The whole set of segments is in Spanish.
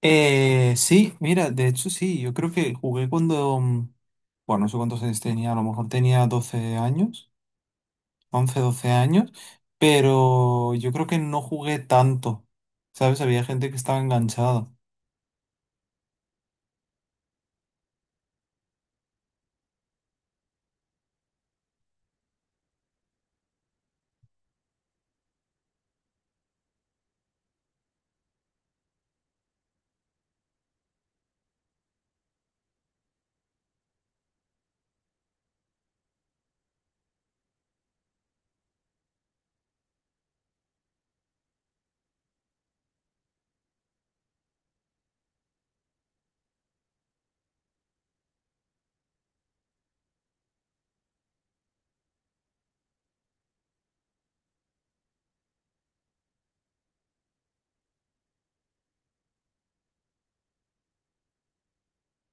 Sí, mira, de hecho sí, yo creo que jugué cuando, bueno, no sé cuántos años tenía, a lo mejor tenía 12 años, 11 12 años, pero yo creo que no jugué tanto, ¿sabes? Había gente que estaba enganchada.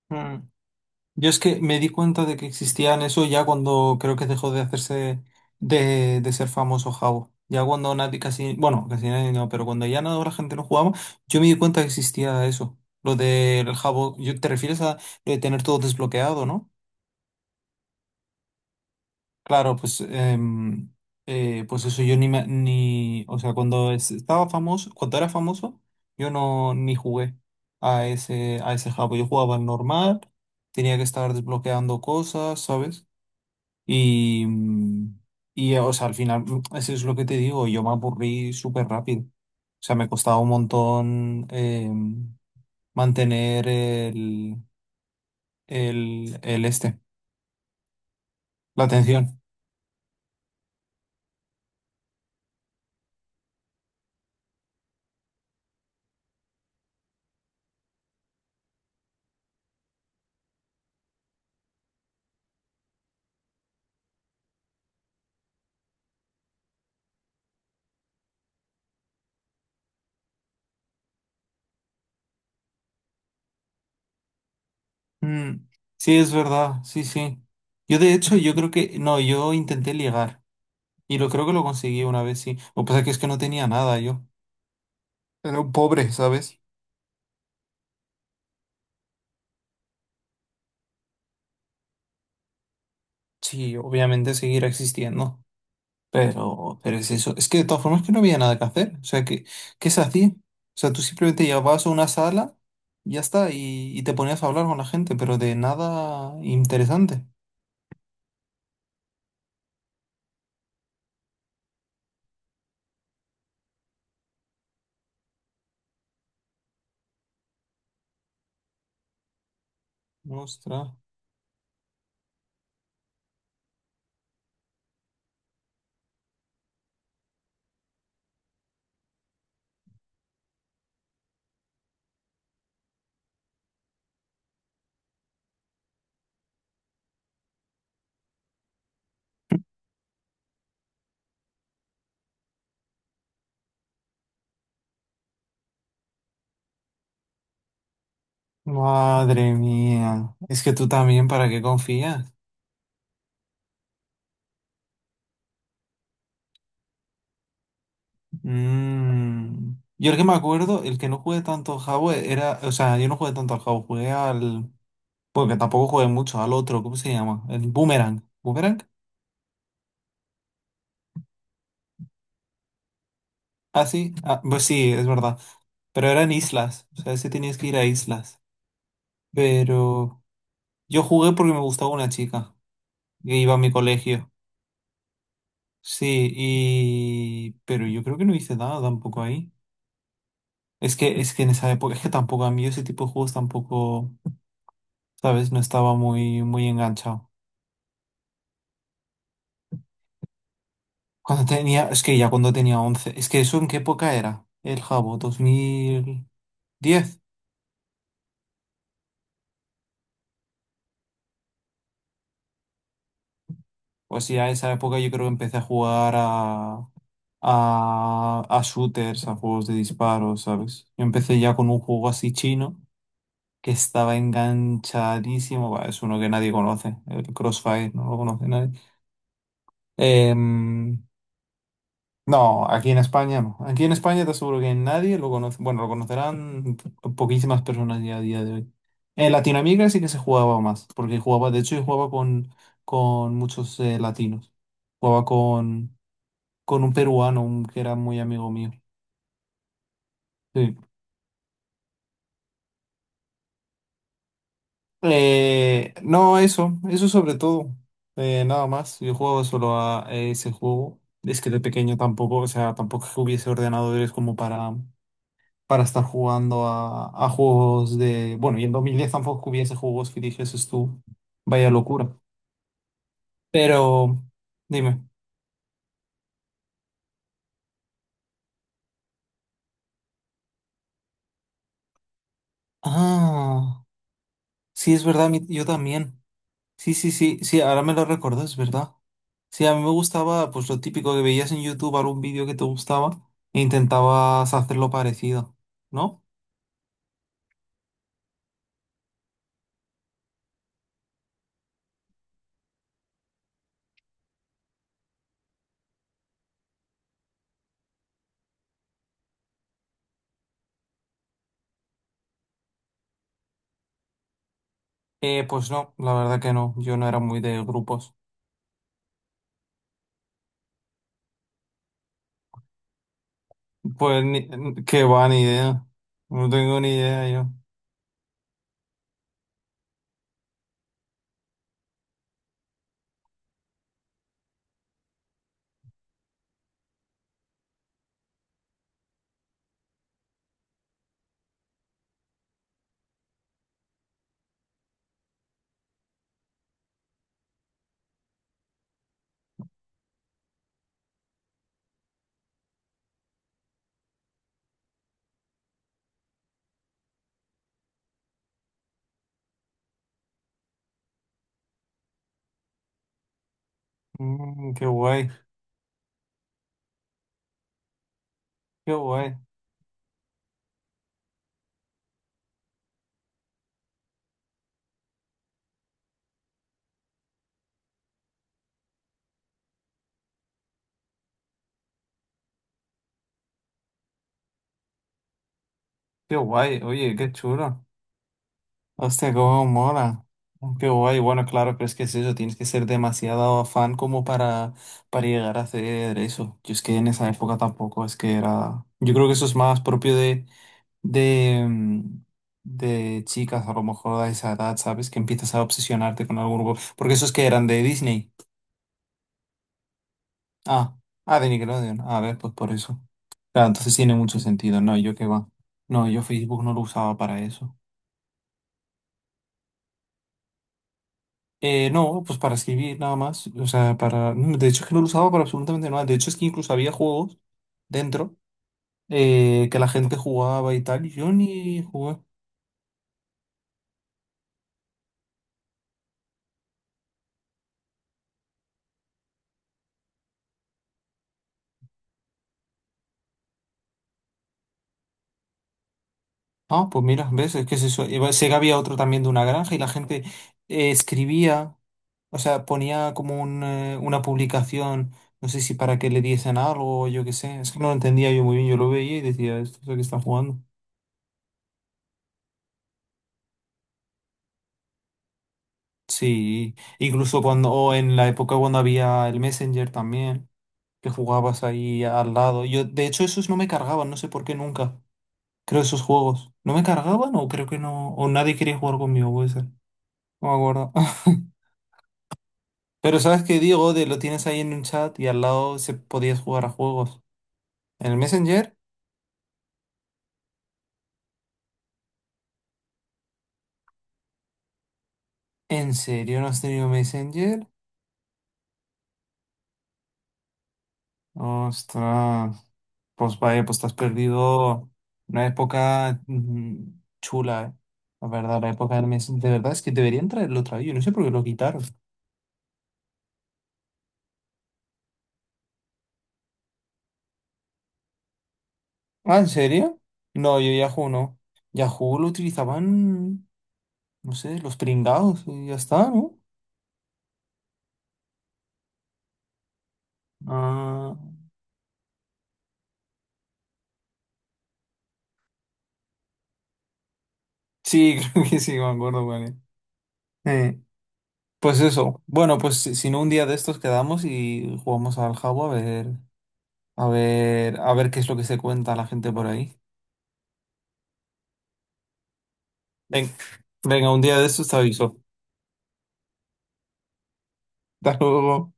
Mm. Yo es que me di cuenta de que existían eso ya cuando creo que dejó de hacerse de ser famoso Jabo. Ya cuando nadie casi, bueno, casi nadie no, pero cuando ya no, la gente no jugaba, yo me di cuenta que existía eso. Lo del Jabo, yo, ¿te refieres a lo de tener todo desbloqueado, no? Claro, pues, pues eso yo ni, me- ni, o sea, cuando es- estaba famoso, cuando era famoso, yo no ni jugué a ese Jabo. Yo jugaba al normal, tenía que estar desbloqueando cosas, ¿sabes? Y, mm, y, o sea, al final, eso es lo que te digo, yo me aburrí súper rápido. O sea, me costaba un montón mantener el este, la atención. Mm, sí, es verdad, sí, sí. Yo de hecho, yo creo que, no, yo intenté ligar y lo creo que lo conseguí una vez, sí. Lo que pasa es que no tenía nada yo. Era un pobre, ¿sabes? Sí, obviamente seguirá existiendo. Pero es eso. Es que de todas formas que no había nada que hacer. O sea, ¿qué, qué se hacía? O sea, tú simplemente llegabas a una sala, y ya está, y te ponías a hablar con la gente, pero de nada interesante. Ostras. Madre mía. Es que tú también, ¿para qué confías? Mm. Yo el que me acuerdo, el que no jugué tanto al Jabo era. O sea, yo no jugué tanto al Jabo, jugué al. Porque tampoco jugué mucho, al otro, ¿cómo se llama? El Boomerang. ¿Boomerang? Ah, sí, ah, pues sí, es verdad. Pero eran islas, o sea, sí tenías que ir a islas. Pero yo jugué porque me gustaba una chica que iba a mi colegio. Sí, y... Pero yo creo que no hice nada tampoco ahí. Es que en esa época, es que tampoco a mí ese tipo de juegos tampoco, ¿sabes? No estaba muy, muy enganchado. Cuando tenía, es que ya cuando tenía 11, ¿es que eso en qué época era? El Jabo, 2010. Pues ya a esa época yo creo que empecé a jugar a a shooters, a juegos de disparo, ¿sabes? Yo empecé ya con un juego así chino que estaba enganchadísimo. Bah, es uno que nadie conoce, el Crossfire, no lo conoce nadie. Em, no, aquí en España no. Aquí en España te aseguro que nadie lo conoce. Bueno, lo conocerán poquísimas personas ya a día de hoy. En Latinoamérica sí que se jugaba más, porque jugaba, de hecho, yo jugaba con muchos latinos. Jugaba con un peruano, un- que era muy amigo mío. Sí. No, eso sobre todo. Nada más. Yo juego solo a ese juego. Es que de pequeño tampoco, o sea, tampoco es que hubiese ordenadores como para estar jugando a juegos de. Bueno, y en 2010 tampoco hubiese juegos que dijeses tú. Vaya locura. Pero, dime. Ah, sí, es verdad, mi- yo también. Sí, sí, sí, sí, ahora me lo recuerdo, es verdad. Sí, a mí me gustaba pues lo típico que veías en YouTube, algún vídeo que te gustaba e intentabas hacerlo parecido, ¿no? Pues no, la verdad que no, yo no era muy de grupos. Pues ni, qué va, ni idea. No tengo ni idea yo. Mm, qué guay, qué guay, qué guay, oye, qué chulo. Hostia, cómo mola. Qué guay. Bueno, claro, pero es que es eso, tienes que ser demasiado fan como para llegar a hacer eso. Yo es que en esa época tampoco, es que era... Yo creo que eso es más propio de, de chicas, a lo mejor a esa edad, ¿sabes? Que empiezas a obsesionarte con algún grupo. Porque esos que eran de Disney. Ah, ah, de Nickelodeon. Ah, a ver, pues por eso. Claro, entonces tiene mucho sentido. No, yo qué va. No, yo Facebook no lo usaba para eso. No, pues para escribir nada más. O sea, para. No, de hecho, es que no lo usaba para absolutamente nada. De hecho, es que incluso había juegos dentro que la gente jugaba y tal. Y yo ni jugué. Ah, pues mira, ¿ves? Es que es eso. Iba- Sé que había otro también de una granja y la gente escribía, o sea, ponía como un, una publicación, no sé si para que le diesen algo o yo qué sé. Es que no lo entendía yo muy bien. Yo lo veía y decía, esto es lo que están jugando. Sí, incluso cuando, o en la época cuando había el Messenger también, que jugabas ahí al lado. Yo, de hecho, esos no me cargaban, no sé por qué nunca. Creo esos juegos. ¿No me cargaban o creo que no? O nadie quería jugar conmigo, puede ser. No me acuerdo. Pero sabes que Diego, de lo tienes ahí en un chat y al lado se podías jugar a juegos. ¿En el Messenger? ¿En serio no has tenido Messenger? Ostras. Pues vaya, pues te has perdido una época chula, ¿eh? La verdad, la época del Messenger. De verdad es que deberían traerlo otra vez. Yo no sé por qué lo quitaron. Ah, ¿en serio? No, yo Yahoo no. Yahoo lo utilizaban, no sé, los pringados y ya está, ¿no? Ah, sí, creo que sí, me acuerdo, vale. Eh, pues eso. Bueno, pues si, si no un día de estos quedamos y jugamos al Jabo a ver, a ver, a ver qué es lo que se cuenta la gente por ahí. Ven- venga, un día de estos te aviso. Hasta luego.